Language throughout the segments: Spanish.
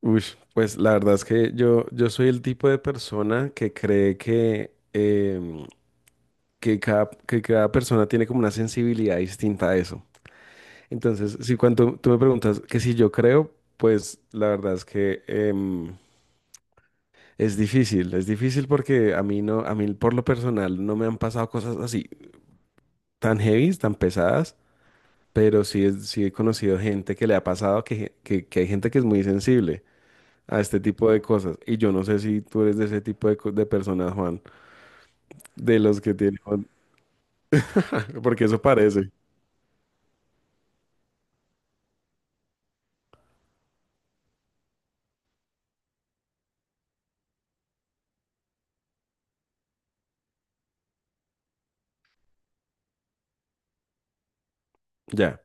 Uy, pues la verdad es que yo soy el tipo de persona que cree que, que cada persona tiene como una sensibilidad distinta a eso. Entonces, si cuando tú me preguntas que si yo creo, pues la verdad es que es difícil porque a mí por lo personal no me han pasado cosas así tan heavy, tan pesadas, pero sí, sí he conocido gente que le ha pasado que hay gente que es muy sensible a este tipo de cosas. Y yo no sé si tú eres de ese tipo de personas, Juan, de los que tienen, porque eso parece. Ya,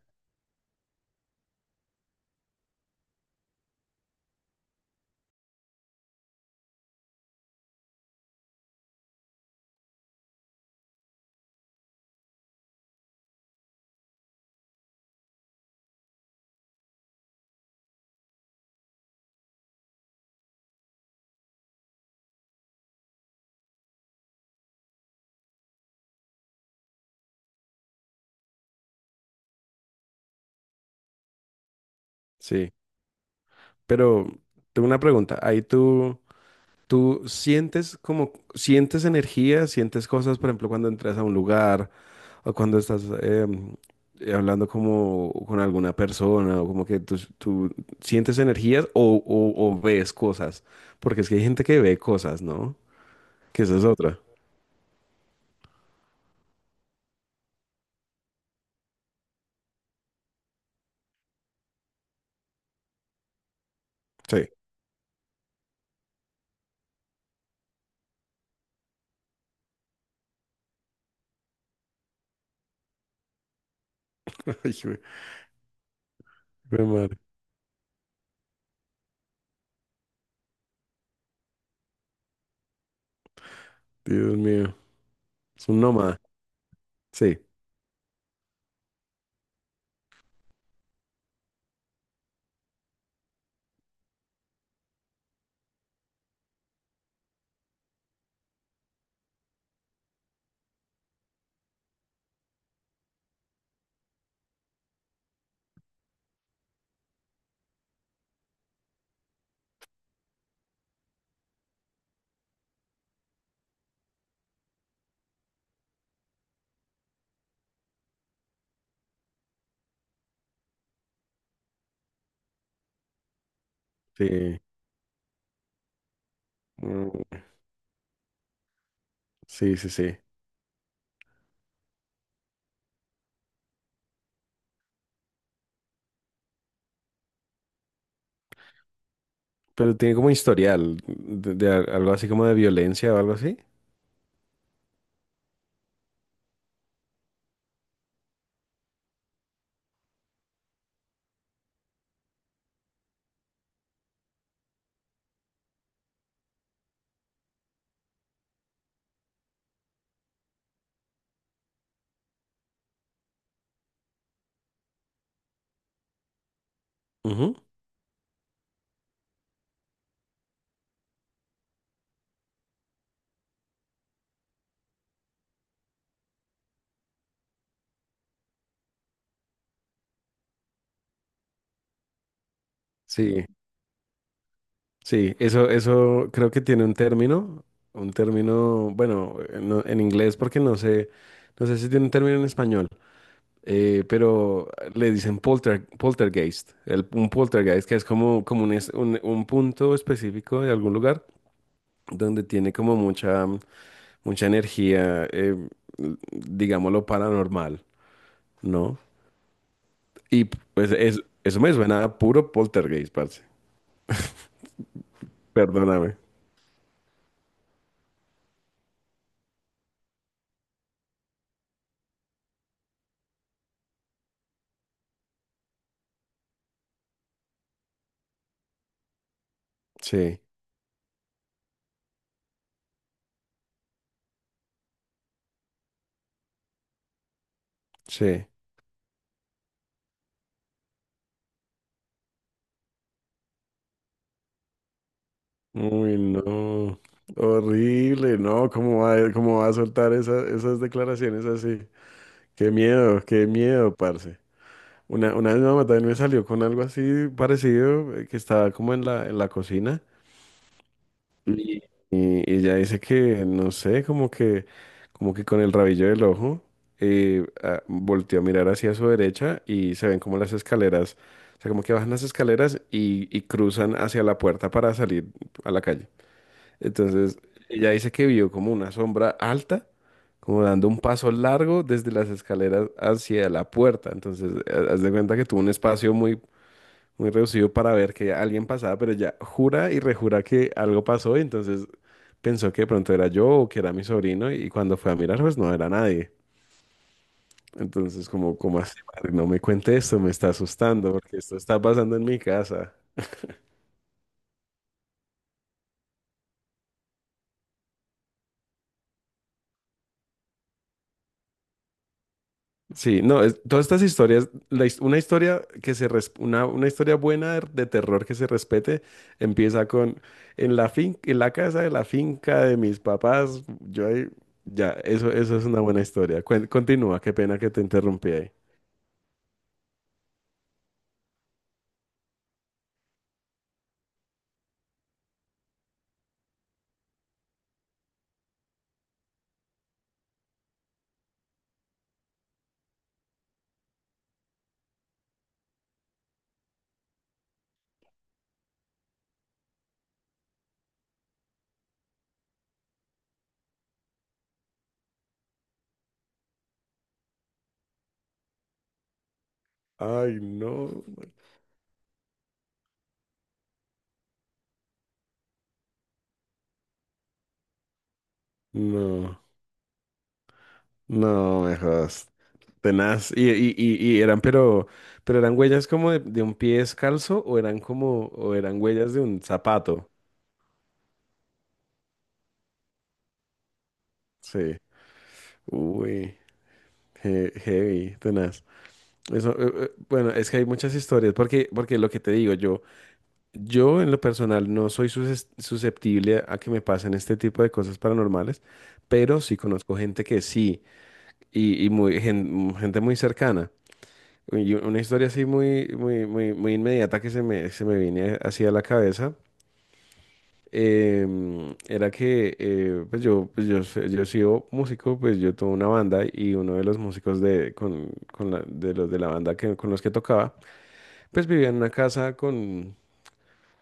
sí. Pero tengo una pregunta. Tú sientes como, sientes energía, sientes cosas, por ejemplo, cuando entras a un lugar o cuando estás hablando como con alguna persona o como que tú sientes energías o ves cosas. Porque es que hay gente que ve cosas, ¿no? Que esa es otra. Sí. Ay, güey. Dios mío. Es un nómada. Sí, sí. Mm, sí, sí, sí. Pero tiene como historial algo así como de violencia o algo así. Ujú. Sí, sí. Eso creo que tiene un término. Un término, bueno, en inglés porque no sé, no sé si tiene un término en español. Pero le dicen poltergeist. Un poltergeist que es como, como un, un punto específico de algún lugar donde tiene como mucha energía, digámoslo, paranormal, ¿no? Y pues eso me suena a puro poltergeist, parce. Perdóname. Sí, sí. Uy, no. Horrible, no. Cómo va a soltar esas declaraciones así? Qué miedo, parce. Una vez mi mamá también me salió con algo así parecido, que estaba como en la cocina. Y, y ella dice que, no sé, como que con el rabillo del ojo, volteó a mirar hacia su derecha y se ven como las escaleras, o sea, como que bajan las escaleras y cruzan hacia la puerta para salir a la calle. Entonces, ella dice que vio como una sombra alta, como dando un paso largo desde las escaleras hacia la puerta. Entonces, haz de cuenta que tuvo un espacio muy, muy reducido para ver que alguien pasaba, pero ella jura y rejura que algo pasó, y entonces pensó que de pronto era yo o que era mi sobrino y cuando fue a mirar pues no era nadie. Entonces como, como así, madre, no me cuente esto, me está asustando porque esto está pasando en mi casa. Sí, no, todas estas historias, una historia que una historia buena de terror que se respete empieza con en la casa de la finca de mis papás, yo ahí, ya, eso es una buena historia. Continúa, qué pena que te interrumpí ahí. Ay, no, no, no, mejor. Tenaz, y eran, pero eran huellas como de un pie descalzo o eran como, o eran huellas de un zapato. Sí. Uy, heavy, tenaz. Eso, bueno, es que hay muchas historias, porque, porque lo que te digo, yo en lo personal no soy susceptible a que me pasen este tipo de cosas paranormales, pero sí conozco gente que sí, y muy, gente muy cercana. Y una historia así muy, muy, muy, muy inmediata que se me viene así a la cabeza. Era que pues yo, yo he sido músico, pues yo tuve una banda y uno de los músicos con de los de la banda que, con los que tocaba, pues vivía en una casa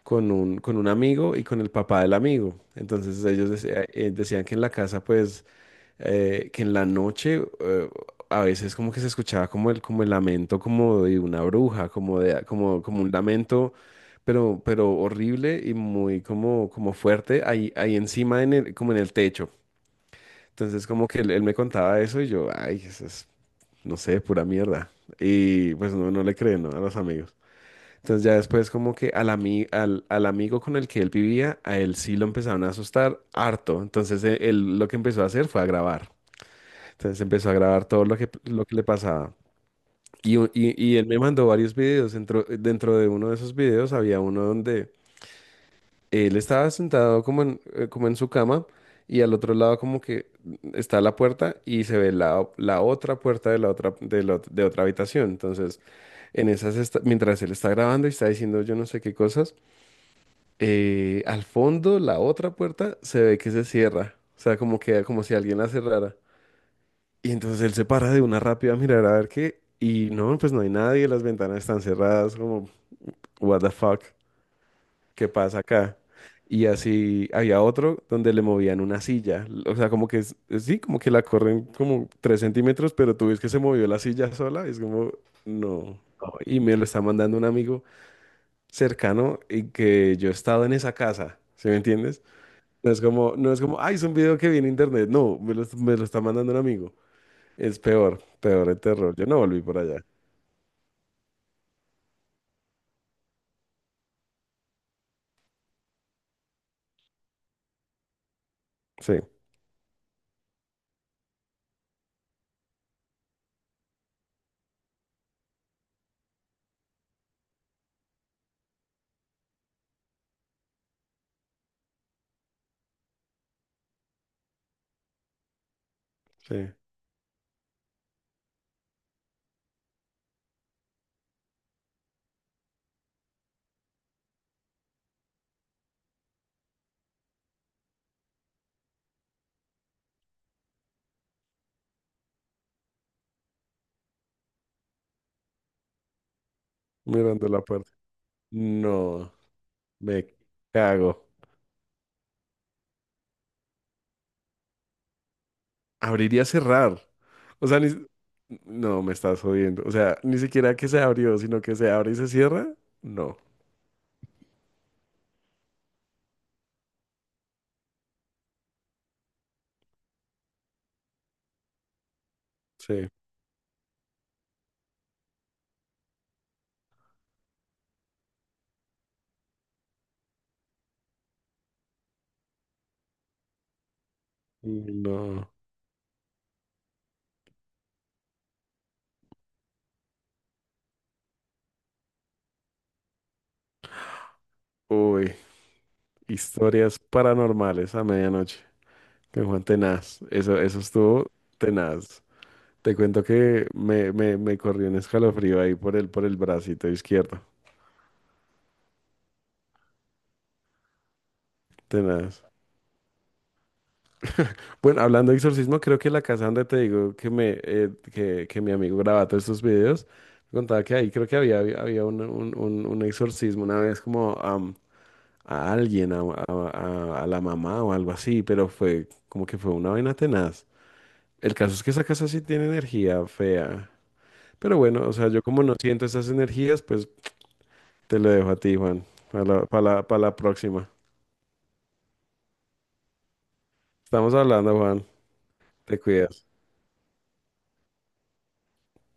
con un amigo y con el papá del amigo. Entonces decían que en la casa pues que en la noche a veces como que se escuchaba como el lamento como de una bruja, como de, como, como un lamento, pero horrible y muy como, como fuerte ahí, ahí encima en el, como en el techo. Entonces como que él me contaba eso y yo, ay, eso es, no sé, pura mierda. Y pues no, no le creen, ¿no? A los amigos. Entonces ya después como que al amigo con el que él vivía, a él sí lo empezaron a asustar harto. Entonces él lo que empezó a hacer fue a grabar. Entonces empezó a grabar todo lo que le pasaba. Y, y él me mandó varios videos. Dentro de uno de esos videos había uno donde él estaba sentado como como en su cama y al otro lado como que está la puerta y se ve la otra puerta de la otra, de la ot- de otra habitación. Entonces, en esas mientras él está grabando y está diciendo yo no sé qué cosas, al fondo la otra puerta se ve que se cierra. O sea, como que como si alguien la cerrara. Y entonces él se para de una rápida a mirar a ver qué. Y no, pues no hay nadie, las ventanas están cerradas, como, what the fuck, ¿qué pasa acá? Y así había otro donde le movían una silla. O sea, como que sí, como que la corren como tres centímetros, pero tú ves que se movió la silla sola. Es como, no. No. Y me lo está mandando un amigo cercano y que yo he estado en esa casa, ¿sí me entiendes? No es como, no es como, ay, es un video que viene en internet. No, me lo está mandando un amigo. Es peor, peor el terror. Yo no volví por allá. Sí, sí. Mirando la puerta. No, me cago. Abrir y cerrar. O sea, ni... No, me estás jodiendo. O sea, ni siquiera que se abrió, sino que se abre y se cierra. No, sí. No. Uy, historias paranormales a medianoche con Juan Tenaz. Eso estuvo tenaz. Te cuento que me corrió un escalofrío ahí por el bracito izquierdo. Tenaz. Bueno, hablando de exorcismo, creo que la casa donde te digo que que mi amigo grababa todos estos videos, me contaba que ahí creo que había había un, un exorcismo una vez como a alguien, a la mamá o algo así, pero fue como que fue una vaina tenaz. El caso es que esa casa sí tiene energía fea. Pero bueno, o sea, yo como no siento esas energías, pues te lo dejo a ti, Juan, para la, para la, para la próxima. Estamos hablando, Juan, te cuidas.